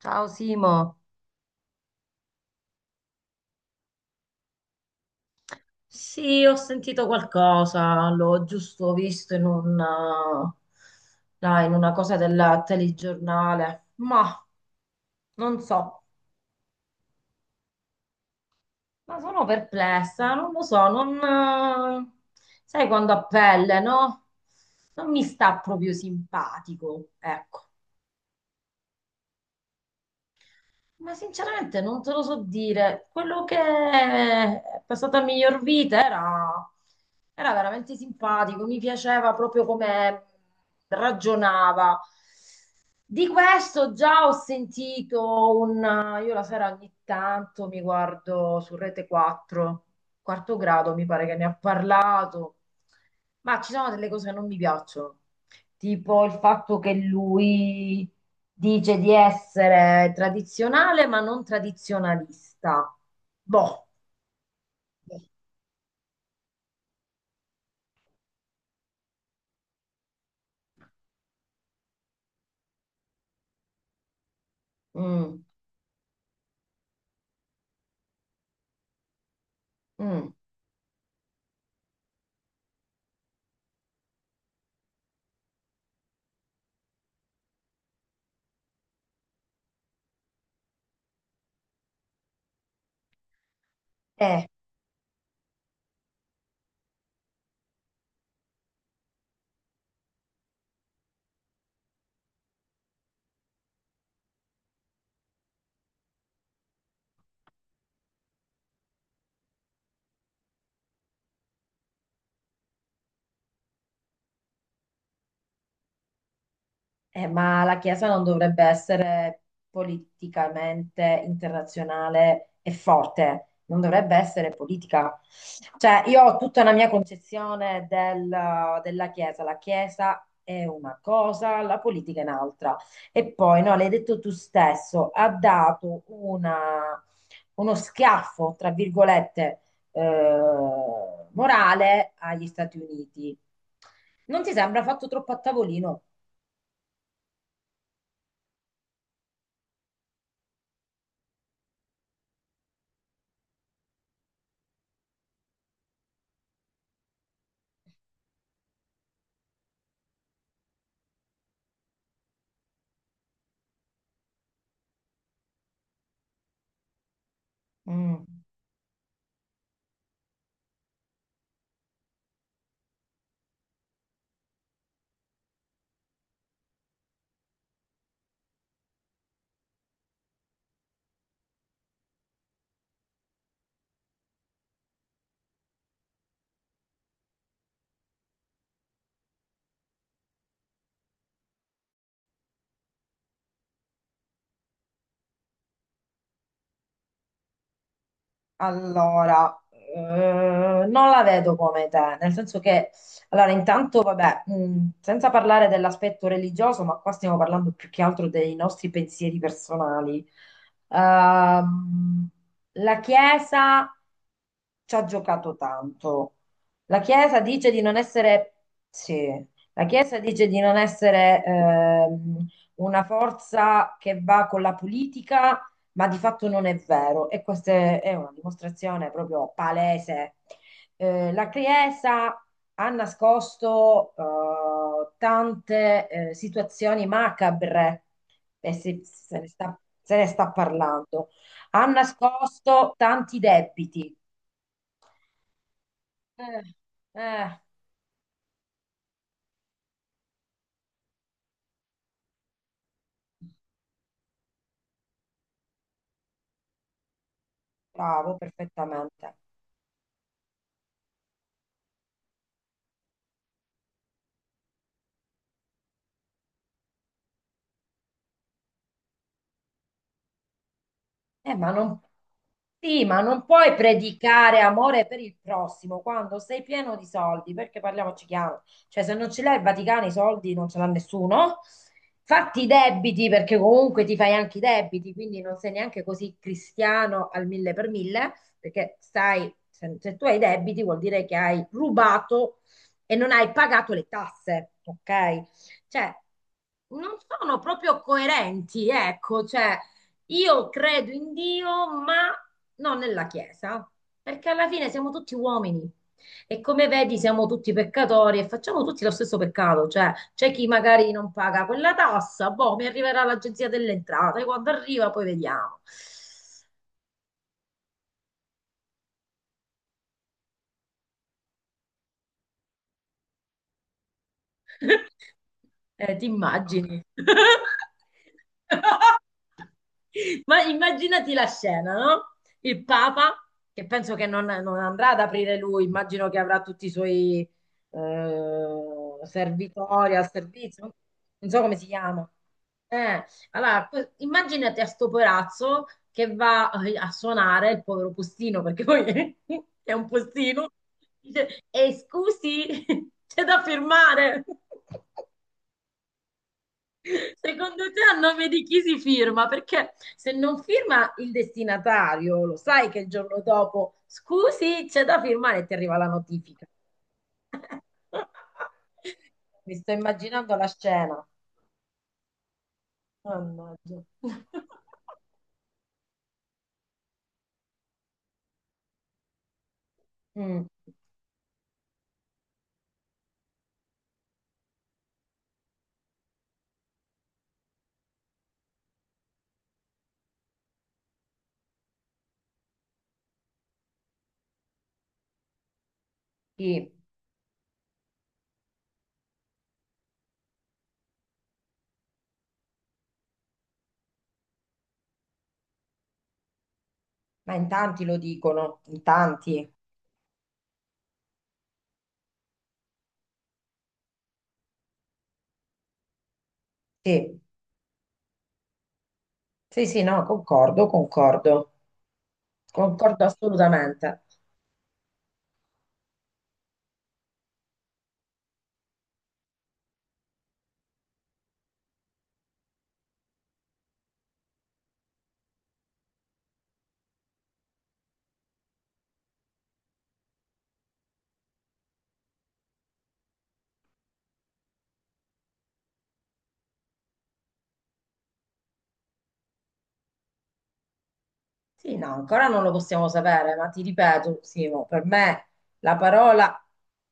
Ciao Simo. Sì, ho sentito qualcosa, l'ho giusto visto in un là, in una cosa del telegiornale, ma non so, ma sono perplessa, non lo so, non, eh, sai quando a pelle, no? Non mi sta proprio simpatico, ecco. Ma sinceramente non te lo so dire. Quello che è passata a miglior vita era, Era veramente simpatico, mi piaceva proprio come ragionava. Di questo già ho sentito un... Io la sera ogni tanto mi guardo su Rete 4, quarto grado mi pare che ne ha parlato, ma ci sono delle cose che non mi piacciono, tipo il fatto che lui dice di essere tradizionale ma non tradizionalista. Boh. mm, mm, eh. Ma la Chiesa non dovrebbe essere politicamente internazionale e forte, non dovrebbe essere politica. Cioè, io ho tutta una mia della Chiesa. La Chiesa è una cosa, la politica è un'altra. E poi, no, l'hai detto tu stesso, ha dato uno schiaffo, tra virgolette, morale agli Stati Uniti. Non ti sembra fatto troppo a tavolino? Mm. Allora, non la vedo come te, nel senso che, allora, intanto, vabbè, senza parlare dell'aspetto religioso, ma qua stiamo parlando più che altro dei nostri pensieri personali. Ehm, la Chiesa ci ha giocato tanto. La Chiesa dice di non essere, sì, la Chiesa dice di non essere una forza che va con la politica, ma di fatto non è vero e questa è una dimostrazione proprio palese. La Chiesa ha nascosto tante situazioni macabre e se ne sta, se ne sta parlando. Ha nascosto tanti debiti. Eh, eh, Bravo, perfettamente. Ma non, sì, ma non puoi predicare amore per il prossimo quando sei pieno di soldi, perché parliamoci chiaro, cioè se non ce l'hai il Vaticano i soldi non ce l'ha nessuno, fatti i debiti perché comunque ti fai anche i debiti, quindi non sei neanche così cristiano al mille per mille, perché stai, se, se tu hai i debiti vuol dire che hai rubato e non hai pagato le tasse, ok? Cioè, non sono proprio coerenti, ecco, cioè io credo in Dio, ma non nella Chiesa, perché alla fine siamo tutti uomini. E come vedi, siamo tutti peccatori e facciamo tutti lo stesso peccato, cioè c'è chi magari non paga quella tassa, boh, mi arriverà l'agenzia delle entrate, quando arriva poi vediamo. Ti immagini. Ma immaginati la scena, no? Il Papa, che penso che non, non andrà ad aprire lui, immagino che avrà tutti i suoi servitori al servizio, non so come si chiama. Eh, allora, immaginate a sto porazzo che va a suonare il povero postino, perché poi è un postino, dice, e scusi, c'è da firmare. Secondo te a nome di chi si firma? Perché se non firma il destinatario, lo sai che il giorno dopo, scusi, c'è da firmare e ti arriva la notifica. Mi sto immaginando la scena. Mannaggia. Mm, sì. Ma in tanti lo dicono, in tanti. Sì, sì, sì, no, concordo, concordo, concordo assolutamente. Sì, no, ancora non lo possiamo sapere, ma ti ripeto, Simo, per me la parola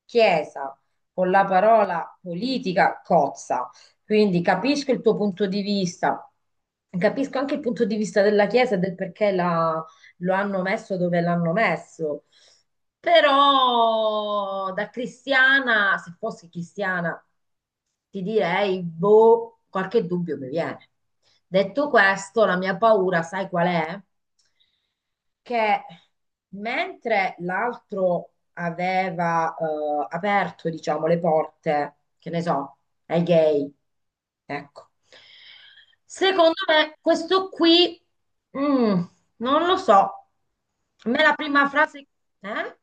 chiesa con la parola politica cozza. Quindi capisco il tuo punto di vista, capisco anche il punto di vista della chiesa e del lo hanno messo dove l'hanno messo. Però da cristiana, se fossi cristiana, ti direi, boh, qualche dubbio mi viene. Detto questo, la mia paura, sai qual è? Che mentre l'altro aveva aperto, diciamo, le porte, che ne so, ai gay, ecco, secondo me questo qui, mm, non lo so, a me la prima frase... Eh?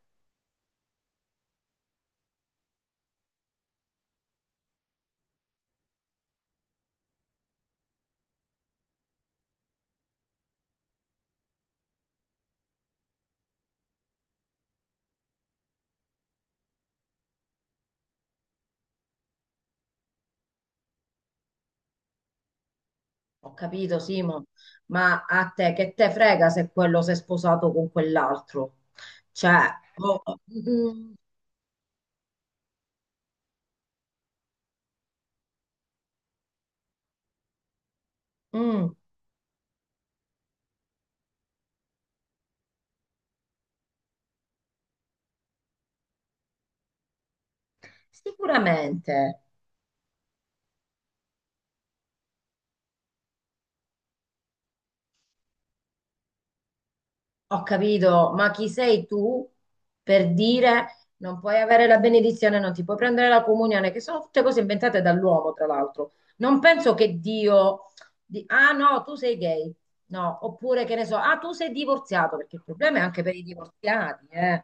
Ho capito, Simo, ma a te che te frega se quello si è sposato con quell'altro? Cioè, oh, mm, mm, mm. Sicuramente ho capito, ma chi sei tu per dire non puoi avere la benedizione, non ti puoi prendere la comunione, che sono tutte cose inventate dall'uomo, tra l'altro. Non penso che Dio ah no, tu sei gay. No, oppure che ne so, ah, tu sei divorziato, perché il problema è anche per i divorziati, eh.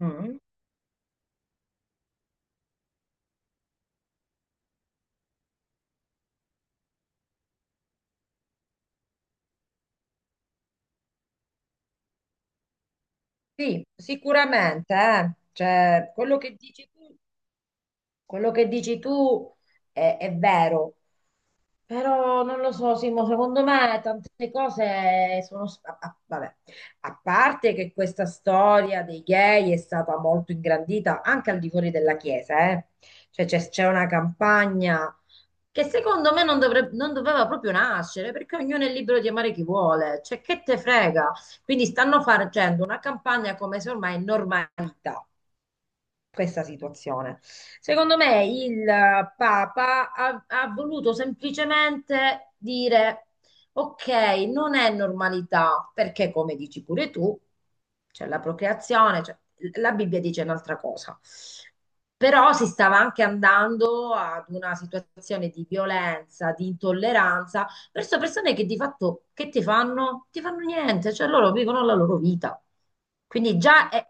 Mm. Sì, sicuramente, eh. Cioè, quello che dici tu, quello che dici tu è vero, però non lo so, Simo, secondo me tante cose sono... s- a- a- vabbè, a parte che questa storia dei gay è stata molto ingrandita anche al di fuori della Chiesa, eh. Cioè c'è una campagna che secondo me non, dovrebbe, non doveva proprio nascere, perché ognuno è libero di amare chi vuole, cioè che te frega? Quindi stanno facendo una campagna come se ormai è normalità questa situazione. Secondo me il Papa ha, ha voluto semplicemente dire, ok, non è normalità, perché come dici pure tu, c'è la procreazione, c'è- la Bibbia dice un'altra cosa. Però si stava anche andando ad una situazione di violenza, di intolleranza verso persone che di fatto che ti fanno? Ti fanno niente, cioè loro vivono la loro vita. Quindi già è.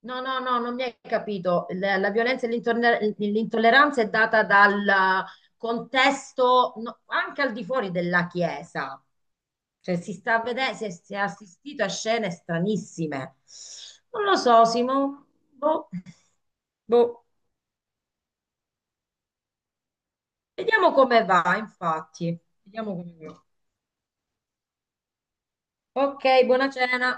No, no, no, non mi hai capito. La violenza e l'intolleranza è data dal contesto, no, anche al di fuori della Chiesa. Cioè, si sta a vedere, si è assistito a scene stranissime. Non lo so, Simo. Boh. Boh. Vediamo come va, infatti. Vediamo come va. Ok, buona cena.